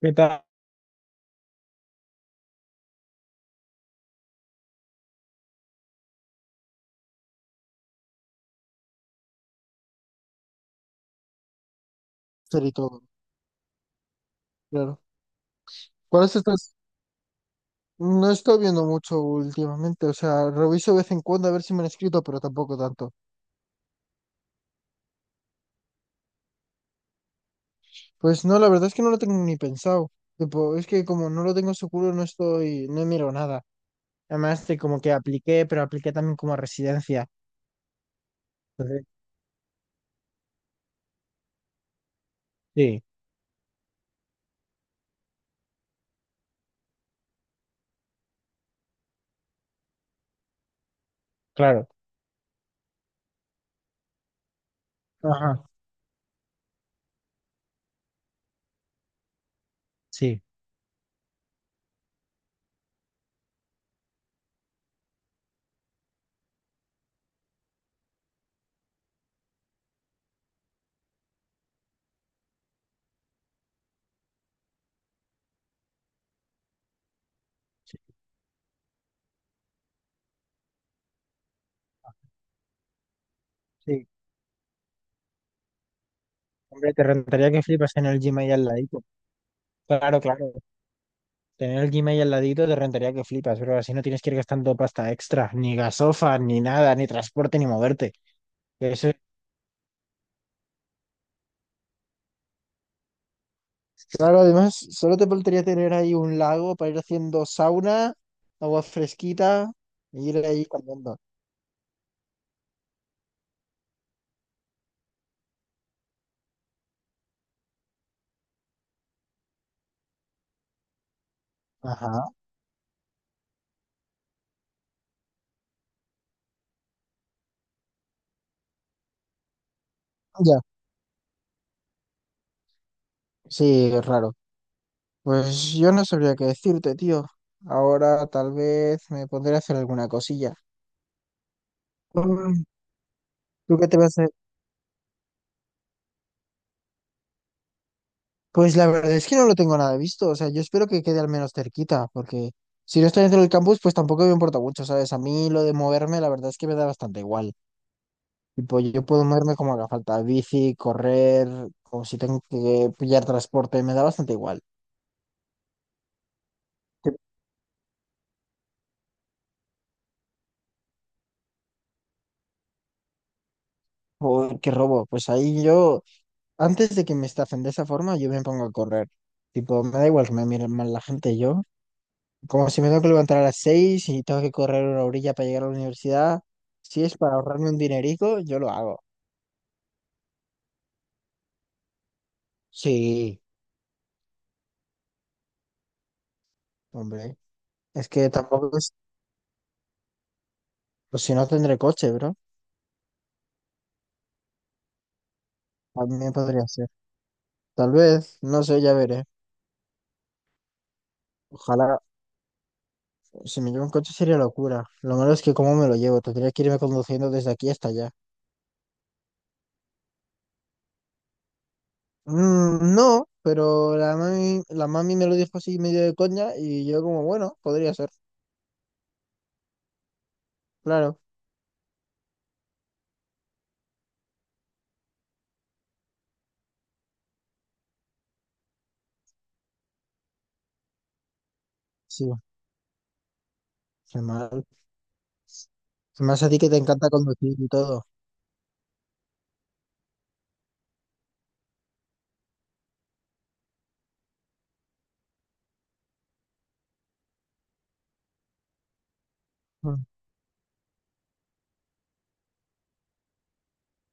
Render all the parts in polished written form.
¿Qué tal? Y todo, claro. Por eso estás, no estoy viendo mucho últimamente, o sea, reviso de vez en cuando a ver si me han escrito, pero tampoco tanto. Pues no, la verdad es que no lo tengo ni pensado. Tipo, es que como no lo tengo seguro, no estoy, no miro nada. Además, de como que apliqué, pero apliqué también como a residencia. Entonces, sí, claro. Ajá, sí, sí, sí. Hombre, te rentaría que flipas en el Gmail al ladito. Claro, claro. Tener el Gmail al ladito te rentaría que flipas, pero así no tienes que ir gastando pasta extra, ni gasofa, ni nada, ni transporte, ni moverte. Eso es- Claro, además, solo te faltaría tener ahí un lago para ir haciendo sauna, agua fresquita, y ir ahí cambiando. Ajá. Ya, sí, es raro. Pues yo no sabría qué decirte, tío. Ahora tal vez me pondré a hacer alguna cosilla. Mm. ¿Tú qué te vas a... Pues la verdad es que no lo tengo nada visto, o sea, yo espero que quede al menos cerquita, porque si no estoy dentro del campus, pues tampoco me importa mucho, ¿sabes? A mí lo de moverme, la verdad es que me da bastante igual. Tipo, yo puedo moverme como haga falta, bici, correr, o si tengo que pillar transporte, me da bastante igual. Tipo, ¿qué robo? Pues ahí yo, antes de que me estafen de esa forma, yo me pongo a correr. Tipo, me da igual que me miren mal la gente, yo. Como si me tengo que levantar a las 6 y tengo que correr una orilla para llegar a la universidad, si es para ahorrarme un dinerico, yo lo hago. Sí, hombre. Es que tampoco es, pues si no tendré coche, bro. También podría ser. Tal vez, no sé, ya veré. Ojalá, si me llevo un coche sería locura. Lo malo es que cómo me lo llevo, tendría que irme conduciendo desde aquí hasta allá. No, pero la mami me lo dijo así medio de coña y yo como, bueno, podría ser. Claro, sí, qué mal. Más a ti que te encanta conducir y todo. Mm,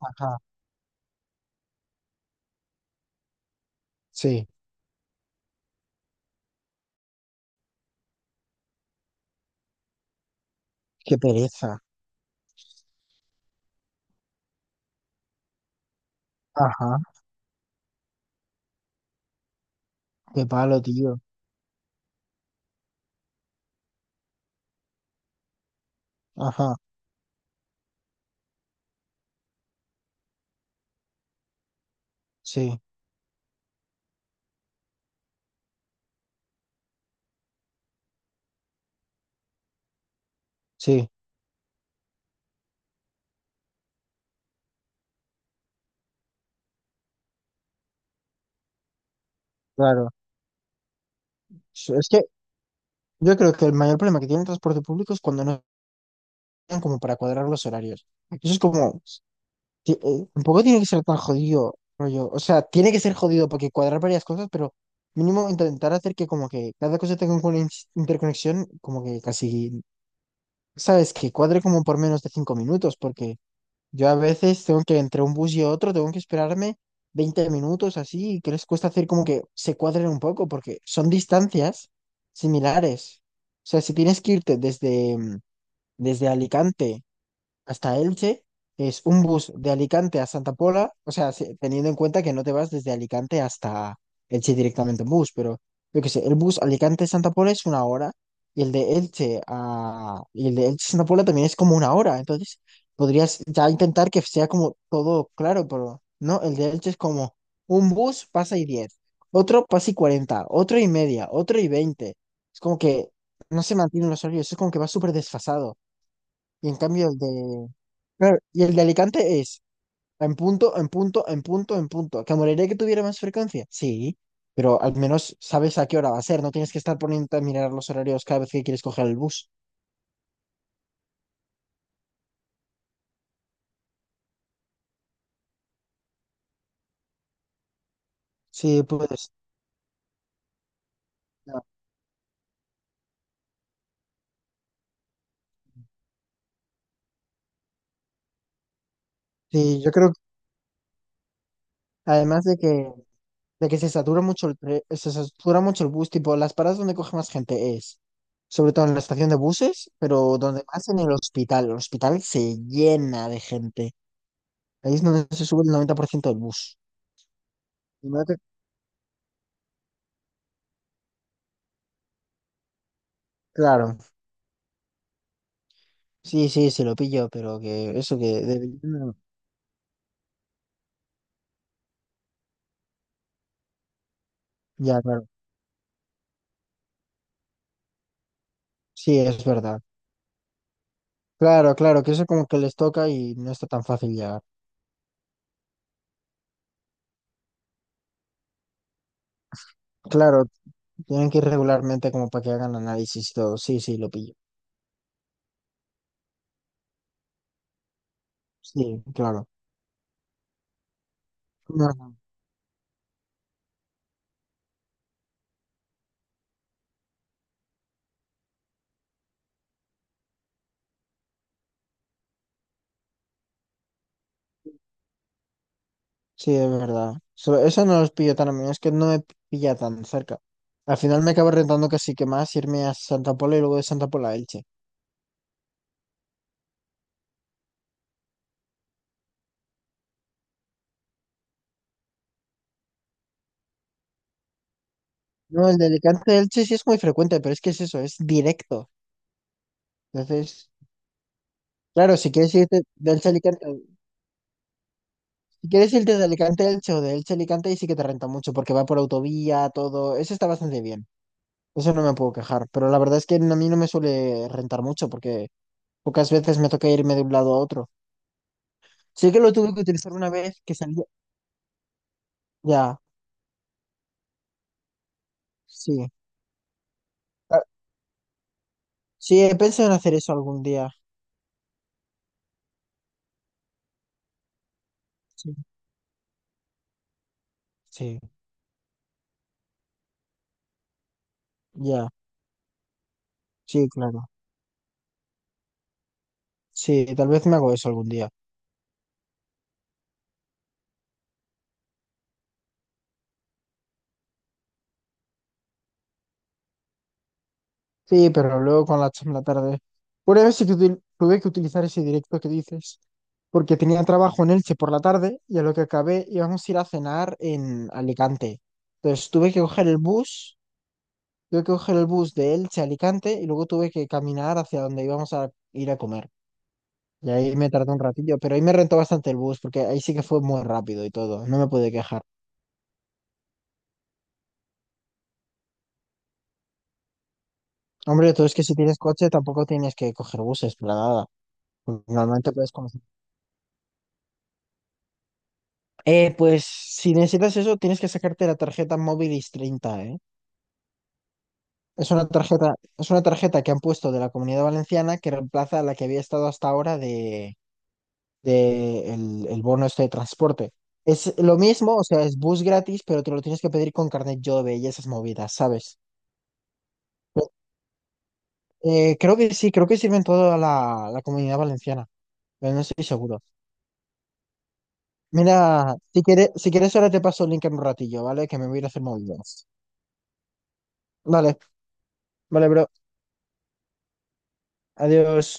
ajá, sí, qué pereza. Ajá, qué palo, tío. Ajá, sí, sí. Claro. Es que yo creo que el mayor problema que tiene el transporte público es cuando no tienen como para cuadrar los horarios. Eso es como, tampoco tiene que ser tan jodido, rollo. O sea, tiene que ser jodido porque cuadrar varias cosas, pero mínimo intentar hacer que como que cada cosa tenga una interconexión, como que casi, sabes, que cuadre como por menos de 5 minutos, porque yo a veces tengo que entre un bus y otro, tengo que esperarme 20 minutos así, y que les cuesta hacer como que se cuadren un poco, porque son distancias similares. O sea, si tienes que irte desde, desde Alicante hasta Elche, es un bus de Alicante a Santa Pola, o sea, teniendo en cuenta que no te vas desde Alicante hasta Elche directamente en bus, pero yo qué sé, el bus Alicante-Santa Pola es una hora y el de Elche-Santa Pola también es como una hora, entonces podrías ya intentar que sea como todo claro, pero no, el de Elche es como un bus pasa y 10, otro pasa y 40, otro y media, otro y veinte. Es como que no se mantienen los horarios, es como que va súper desfasado. Y en cambio el de Claro, y el de Alicante es en punto, en punto, en punto, en punto. ¿Que moriría que tuviera más frecuencia? Sí, pero al menos sabes a qué hora va a ser. No tienes que estar poniendo a mirar los horarios cada vez que quieres coger el bus. Sí, puedes. No. Sí, yo creo, además de que se satura mucho el bus, tipo, las paradas donde coge más gente es, sobre todo en la estación de buses, pero donde más en el hospital. El hospital se llena de gente. Ahí es donde se sube el 90% del bus. Y no te- Claro. Sí, sí, se lo pilló, pero que eso que... Ya, claro. Sí, es verdad. Claro, claro, que eso como que les toca y no está tan fácil llegar. Claro, tienen que ir regularmente como para que hagan análisis y todo. Sí, sí, lo pillo. Sí, claro. No, no. Sí, es verdad. Eso no los pillo tan a mí, es que no me pilla tan cerca. Al final me acabo rentando casi que más irme a Santa Pola y luego de Santa Pola a Elche. No, el de Alicante a Elche sí es muy frecuente, pero es que es eso, es directo. Entonces, claro, si quieres irte de Elche a Alicante si quieres irte de Alicante a Elche o de Elche a Alicante, ahí sí que te renta mucho porque va por autovía, todo. Eso está bastante bien. Eso no me puedo quejar. Pero la verdad es que a mí no me suele rentar mucho porque pocas veces me toca irme de un lado a otro. Sí que lo tuve que utilizar una vez que salía. Ya, sí. Ah, sí, he pensado en hacer eso algún día. Sí, sí, ya, sí, claro. Sí, tal vez me hago eso algún día. Sí, pero luego con la en la tarde. Una vez sí que tuve que utilizar ese directo que dices, porque tenía trabajo en Elche por la tarde y a lo que acabé íbamos a ir a cenar en Alicante. Entonces tuve que coger el bus, de Elche a Alicante y luego tuve que caminar hacia donde íbamos a ir a comer. Y ahí me tardé un ratillo, pero ahí me rentó bastante el bus, porque ahí sí que fue muy rápido y todo, no me pude quejar. Hombre, tú es que si tienes coche tampoco tienes que coger buses, para nada. Normalmente puedes comer. Pues si necesitas eso, tienes que sacarte la tarjeta Movilis 30, ¿eh? Es una tarjeta que han puesto de la Comunidad Valenciana que reemplaza a la que había estado hasta ahora de el bono este de transporte. Es lo mismo, o sea, es bus gratis, pero te lo tienes que pedir con carnet Jove y esas movidas, ¿sabes? Pues, creo que sí, creo que sirve en toda la Comunidad Valenciana, pero no estoy seguro. Mira, si quieres ahora te paso el link en un ratillo, ¿vale? Que me voy a ir a hacer movidas. Vale, vale, bro. Adiós.